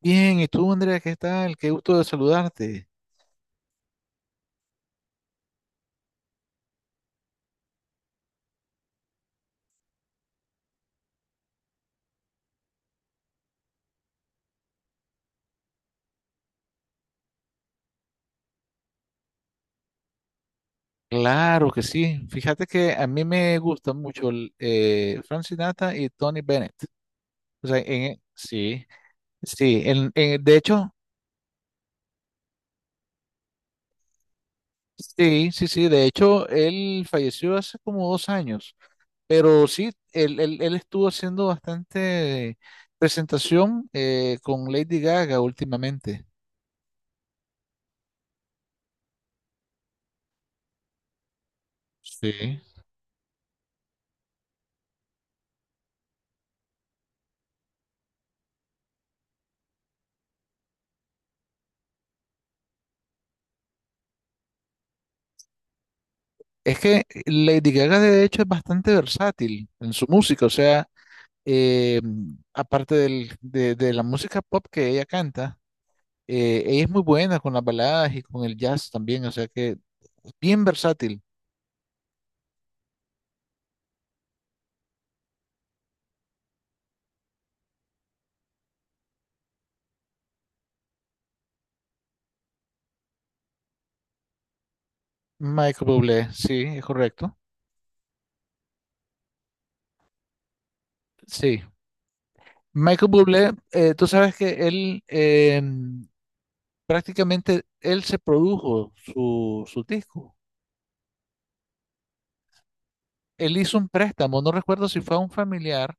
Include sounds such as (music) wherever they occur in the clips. Bien, ¿y tú, Andrea, qué tal? Qué gusto de saludarte. Claro que sí. Fíjate que a mí me gusta mucho Frank Sinatra y Tony Bennett. O sea, de hecho, sí. De hecho, él falleció hace como dos años. Pero sí, él estuvo haciendo bastante presentación con Lady Gaga últimamente. Sí. Es que Lady Gaga, de hecho, es bastante versátil en su música. O sea. eh, aparte de la música pop que ella canta, ella es muy buena con las baladas y con el jazz también, o sea que bien versátil. Michael Bublé, sí, es correcto. Sí, Michael Bublé, tú sabes que él prácticamente él se produjo su disco. Él hizo un préstamo, no recuerdo si fue a un familiar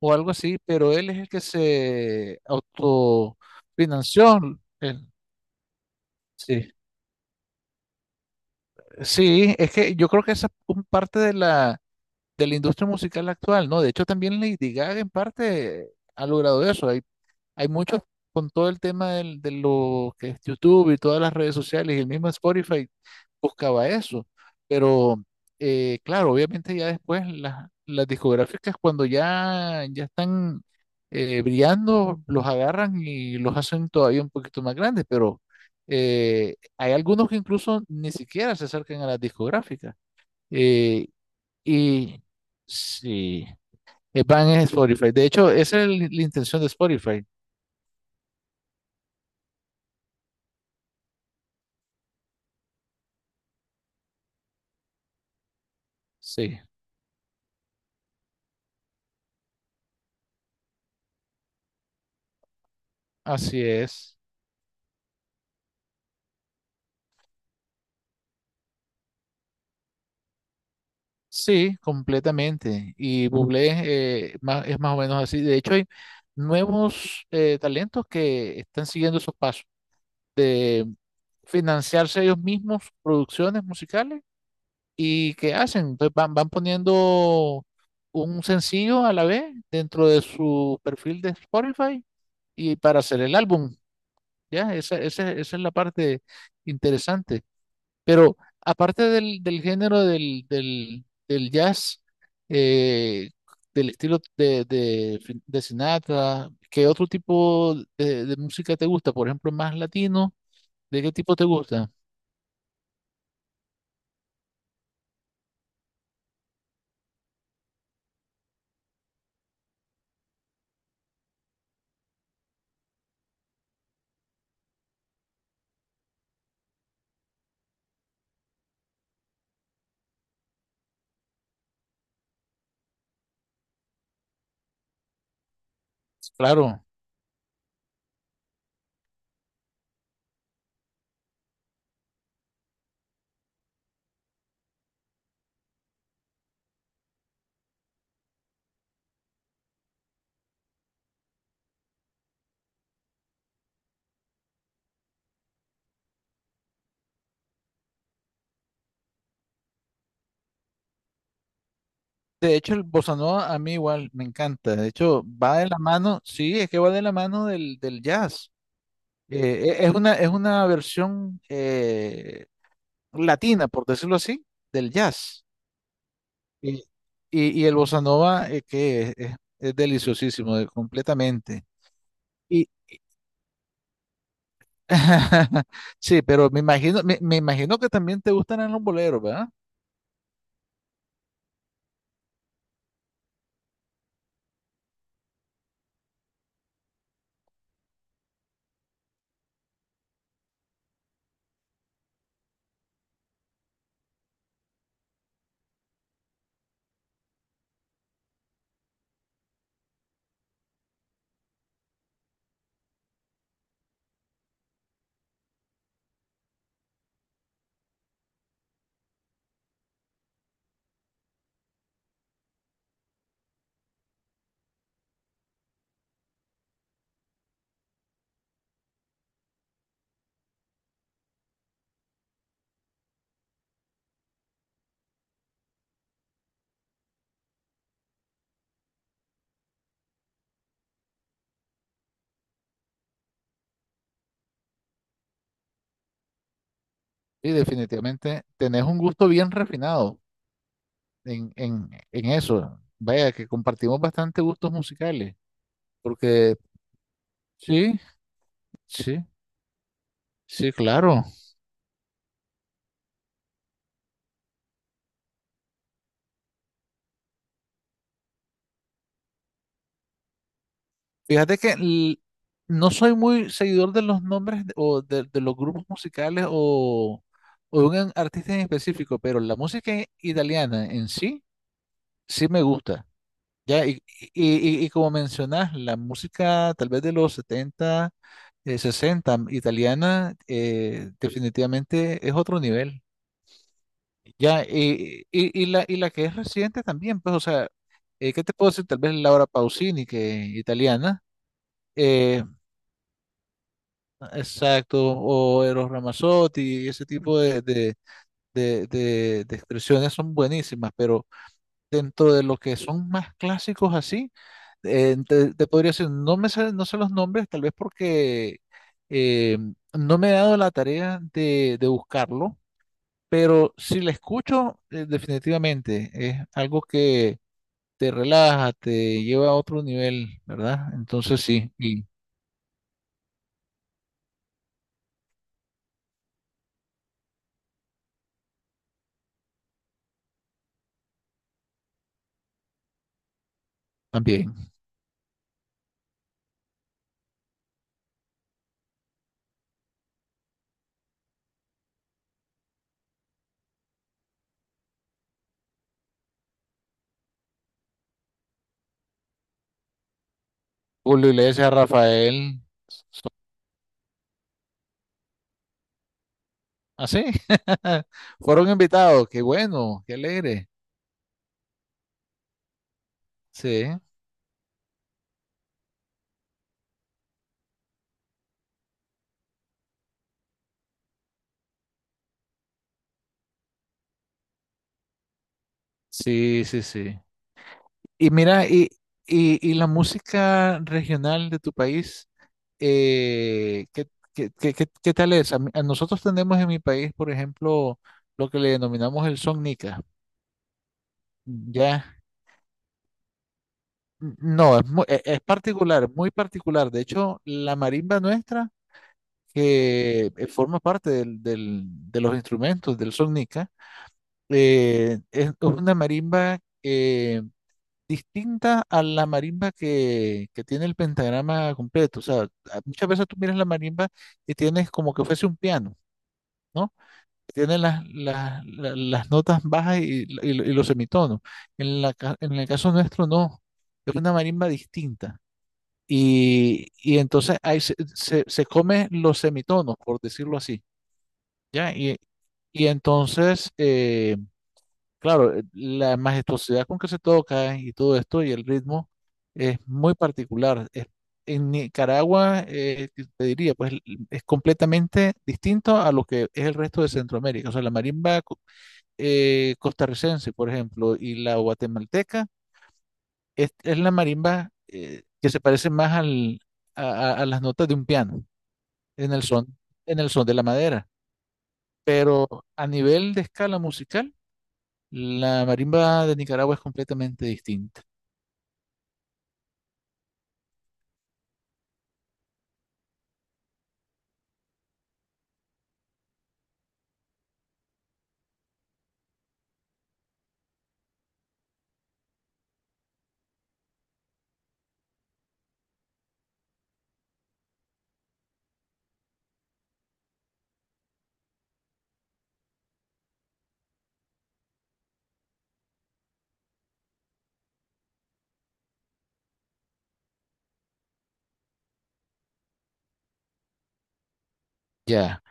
o algo así, pero él es el que se autofinanció. él, sí. Sí, es que yo creo que esa es un parte de la industria musical actual, ¿no? De hecho, también Lady Gaga en parte ha logrado eso. Hay muchos con todo el tema de lo que es YouTube y todas las redes sociales y el mismo Spotify buscaba eso. Pero, claro, obviamente ya después las discográficas cuando ya están brillando, los agarran y los hacen todavía un poquito más grandes, pero hay algunos que incluso ni siquiera se acercan a las discográficas. Eh, y sí, van en Spotify. De hecho, esa es la intención de Spotify. Sí, así es. Sí, completamente. Y Bublé es más o menos así. De hecho, hay nuevos talentos que están siguiendo esos pasos de financiarse ellos mismos producciones musicales y que hacen. Entonces van poniendo un sencillo a la vez dentro de su perfil de Spotify y para hacer el álbum. Esa es la parte interesante. Pero aparte del jazz, eh, del estilo de Sinatra, ¿qué otro tipo de música te gusta? Por ejemplo, más latino, ¿de qué tipo te gusta? Claro. De hecho, el bossa nova a mí igual me encanta. De hecho, va de la mano, sí, es que va de la mano del jazz. Es una versión latina, por decirlo así, del jazz. Y, y el bossa nova, es deliciosísimo, completamente. Y, (laughs) sí, pero me imagino, me imagino que también te gustan los boleros, ¿verdad? Y definitivamente tenés un gusto bien refinado en eso. Vaya, que compartimos bastante gustos musicales. Porque sí, sí, sí, claro. Fíjate que no soy muy seguidor de los nombres de los grupos musicales o de un artista en específico, pero la música italiana en sí, sí me gusta. Ya, y como mencionas, la música tal vez de los 70, 60 italiana, definitivamente es otro nivel. Ya, y la que es reciente también, pues, o sea, ¿qué te puedo decir? Tal vez Laura Pausini, que italiana. eh, Exacto, o Eros Ramazzotti, ese tipo de expresiones son buenísimas, pero dentro de lo que son más clásicos así, te podría decir, no me sé, no sé los nombres, tal vez porque eh, no me he dado la tarea de buscarlo, pero si la escucho, definitivamente es algo que te relaja, te lleva a otro nivel, ¿verdad? Entonces sí, y también. Julio Iglesias, Rafael. ¿Ah, sí? (laughs) Fueron invitados, qué bueno, qué alegre. Sí, sí, sí, sí. Y mira, y la música regional de tu país, eh, ¿qué, ¿qué tal es? A, mí- a nosotros tenemos en mi país, por ejemplo, lo que le denominamos el son nica. Ya, no, es particular, muy particular. De hecho, la marimba nuestra, que forma parte de los instrumentos del son es una marimba distinta a la marimba que tiene el pentagrama completo. O sea, muchas veces tú miras la marimba y tienes como que fuese un piano, ¿no? Tiene las notas bajas y, y los semitonos. En en el caso nuestro, no. Es una marimba distinta. Y, entonces ahí se come los semitonos, por decirlo así. ¿Ya? Y entonces, claro, la majestuosidad con que se toca y todo esto y el ritmo es muy particular. En Nicaragua, te diría, es completamente distinto a lo que es el resto de Centroamérica. O sea, la marimba costarricense, por ejemplo, y la guatemalteca es la marimba que se parece más a las notas de un piano, en el son, en el son de la madera. Pero a nivel de escala musical, la marimba de Nicaragua es completamente distinta. Ya,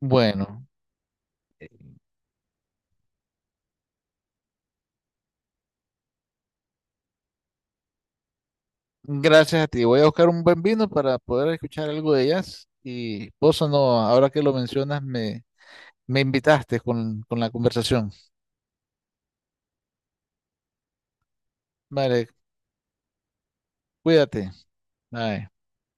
bueno, gracias a ti. Voy a buscar un buen vino para poder escuchar algo de jazz. Y Bossa no, ahora que lo mencionas, me invitaste con la conversación. Vale, cuídate. Bye.